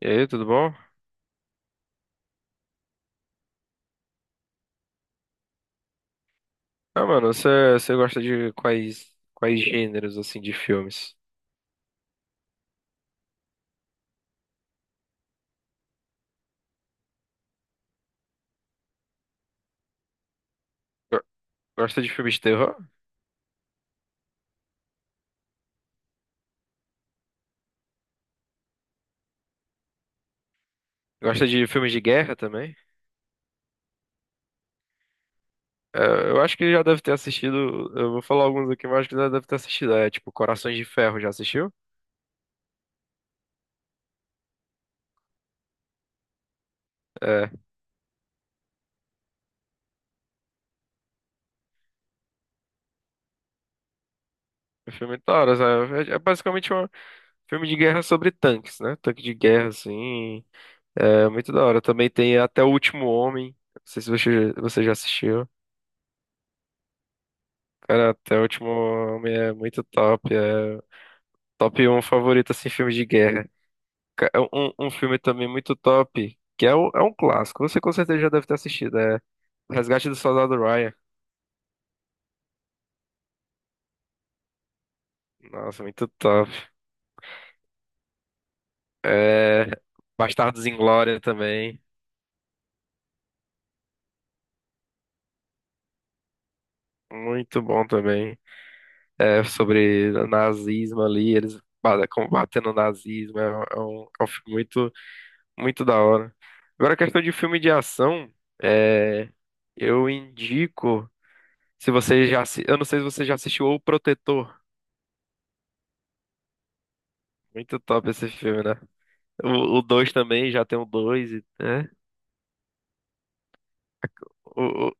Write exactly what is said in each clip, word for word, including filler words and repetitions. E aí, tudo bom? Ah, mano, você você gosta de quais quais gêneros assim de filmes? Go- Gosta de filmes de terror? Gosta de filmes de guerra também? É, eu acho que já deve ter assistido. Eu vou falar alguns aqui, mas acho que já deve ter assistido. É tipo Corações de Ferro, já assistiu? É, é um filme da hora, sabe? É, é basicamente um filme de guerra sobre tanques, né? Tanque de guerra, assim. É muito da hora. Também tem Até o Último Homem. Não sei se você, você já assistiu. Cara, Até o Último Homem é muito top. é Top um favorito, assim, filme de guerra. Ca- é Um, um filme também muito top, que é, o- é um clássico. Você com certeza já deve ter assistido. É Resgate do Soldado Ryan. Nossa, muito top. É, Bastardos Inglórios também. Muito bom também. É sobre nazismo ali, eles ba- combatendo o nazismo. É, um, é um é um filme muito, muito da hora. Agora, a questão de filme de ação, é, eu indico. Se você já, assi- eu não sei se você já assistiu O Protetor. Muito top esse filme, né? O dois também, já tem o dois né? O, o,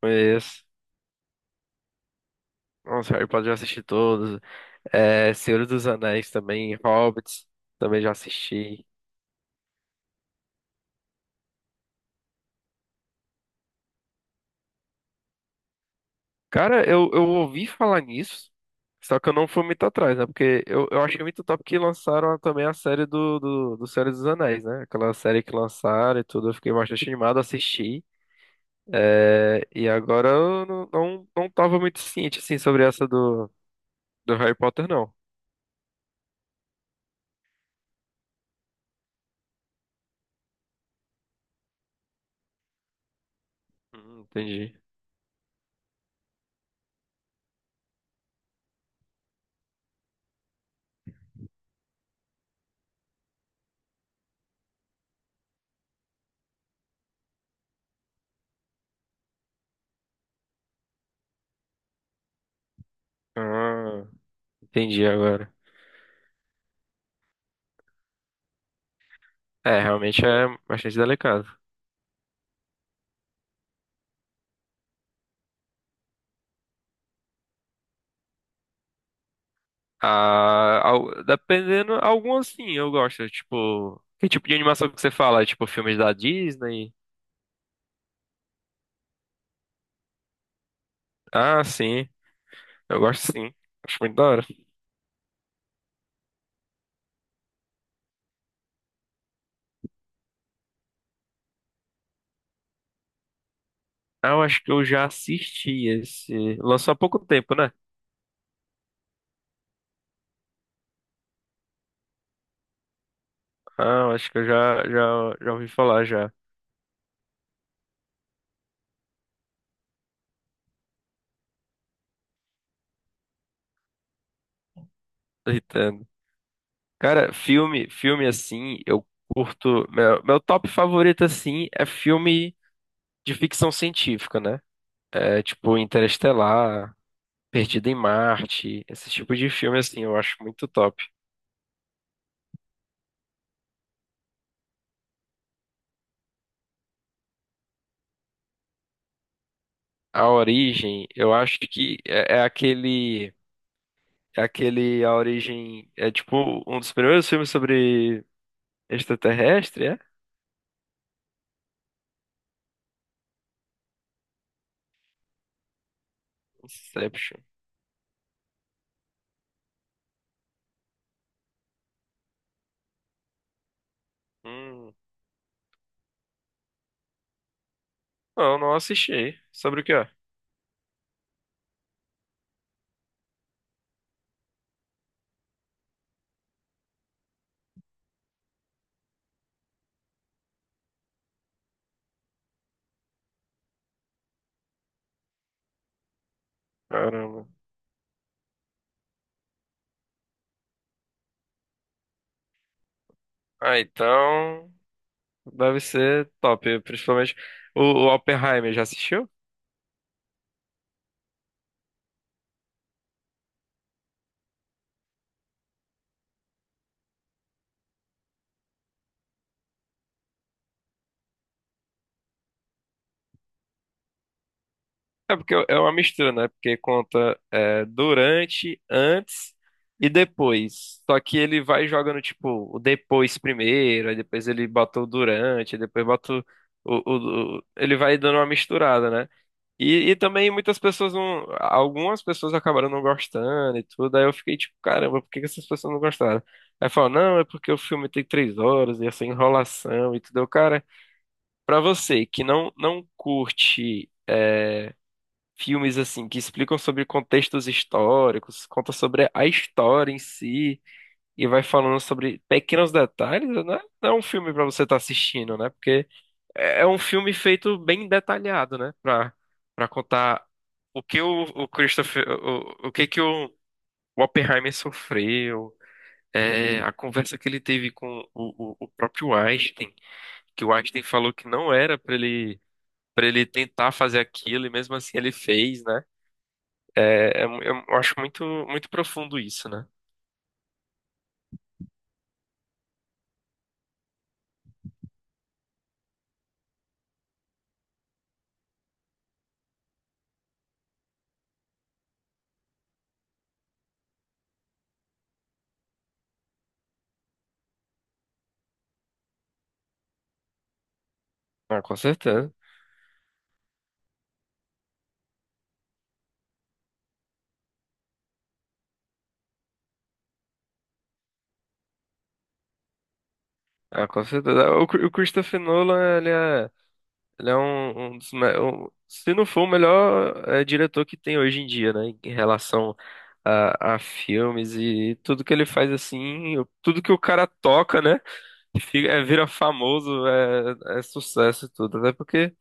conheço. Nossa, Harry Potter já assisti todos. É, Senhor dos Anéis também, Hobbits também já assisti. Cara, eu, eu ouvi falar nisso, só que eu não fui muito atrás, né? Porque eu, eu achei muito top que lançaram também a série do, do, do Senhor dos Anéis, né? Aquela série que lançaram e tudo, eu fiquei bastante animado, assisti. É, e agora eu não, não, não tava muito ciente, assim, sobre essa do, do Harry Potter, não. Hum, entendi. Ah, entendi agora. É, realmente é bastante delicado. Ah, al- dependendo, algumas sim, eu gosto. Tipo, que tipo de animação que você fala? Tipo, filmes da Disney? Ah, sim. Eu gosto sim. Acho muito da hora. Ah, eu acho que eu já assisti esse. Lançou há pouco tempo, né? Ah, eu acho que eu já, já, já ouvi falar já. Irritando. Cara, filme, filme assim, eu curto. Meu, meu top favorito assim é filme de ficção científica, né? É, tipo Interestelar, Perdido em Marte, esse tipo de filme assim, eu acho muito top. A Origem, eu acho que é, é aquele, é aquele A Origem é tipo um dos primeiros filmes sobre extraterrestre, é? Inception. Hum, não, não assisti. Sobre o que é? Caramba. Ah, então deve ser top, principalmente o, o Oppenheimer já assistiu? É porque é uma mistura, né? Porque conta é, durante, antes e depois. Só que ele vai jogando, tipo, o depois primeiro, aí depois ele bota o durante, aí depois bota o, o- o- o- ele vai dando uma misturada, né? E, e também muitas pessoas não. Algumas pessoas acabaram não gostando e tudo. Aí eu fiquei tipo, caramba, por que que essas pessoas não gostaram? Aí falou, não, é porque o filme tem três horas e essa enrolação e tudo. Eu, cara, pra você que não, não curte filmes assim que explicam sobre contextos históricos, conta sobre a história em si e vai falando sobre pequenos detalhes, né? Não é um filme pra você estar assistindo, né? Porque é é um filme feito bem detalhado, né? Pra para contar o que o, o Christopher, o, o que que o, o Oppenheimer sofreu. É, a conversa que ele teve com o, o, o próprio Einstein, que o Einstein falou que não era pra ele, para ele tentar fazer aquilo, e mesmo assim ele fez, né? É, é mu- eu acho muito, muito profundo isso, né? Ah, com certeza. Ah, com certeza. O, Cri- o Christopher Nolan, ele é, ele é um, um dos, me- um- se não for o melhor eh, diretor que tem hoje em dia, né? Em relação a, a filmes e tudo que ele faz assim, o- tudo que o cara toca, né? Fica, é, vira famoso, é, é sucesso e tudo. Até porque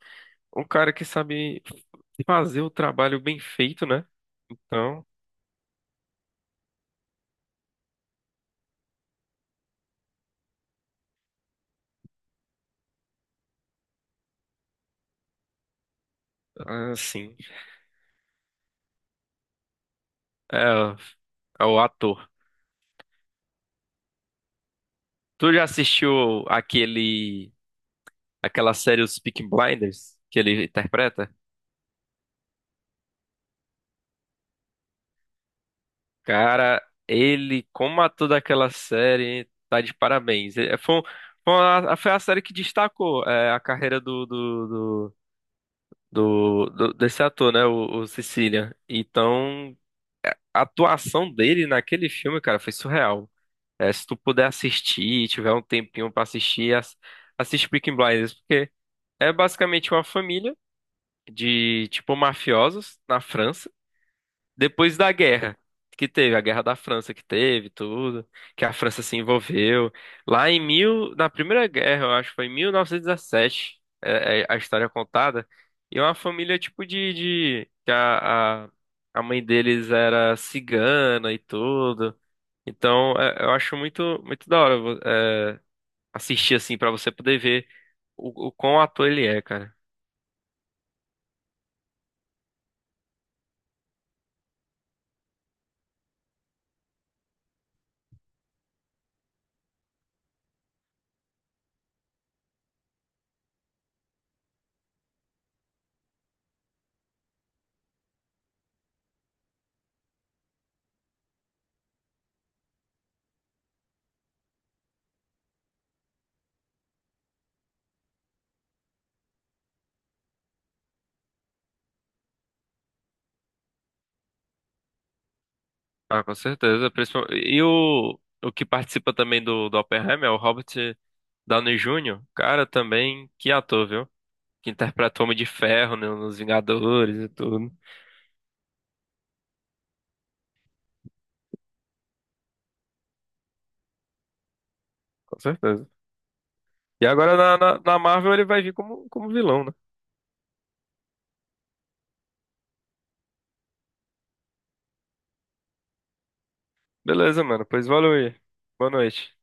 um cara que sabe fazer o trabalho bem feito, né? Então. Ah, sim. É, o- é o ator. Tu já assistiu aquele, aquela série Os Peaky Blinders que ele interpreta? Cara, ele, como ator daquela série, tá de parabéns. É, foi, um- foi, uma- foi a série que destacou é, a carreira do, do, do, do- do- desse ator, né? O, o Sicilian. Então, a atuação dele naquele filme, cara, foi surreal. É, se tu puder assistir, tiver um tempinho pra assistir, ass- assiste Peaky Blinders, porque é basicamente uma família de, tipo, mafiosos na França, depois da guerra que teve, a guerra da França que teve, tudo, que a França se envolveu. Lá em mil, na Primeira Guerra, eu acho, foi em mil novecentos e dezessete, é, é a história contada. E é uma família, tipo, de, de que a, a, a mãe deles era cigana e tudo. Então, é, eu acho muito, muito da hora, vo- é, assistir, assim, pra você poder ver o, o quão ator ele é, cara. Ah, com certeza. principal- E o, o que participa também do, do Oppenheimer é o Robert Downey júnior Cara, também que ator, viu? Que interpreta o Homem de Ferro né, nos Vingadores e tudo. Com certeza. E agora na, na, na Marvel ele vai vir como, como vilão, né? Beleza, mano. Pois valeu aí. Boa noite.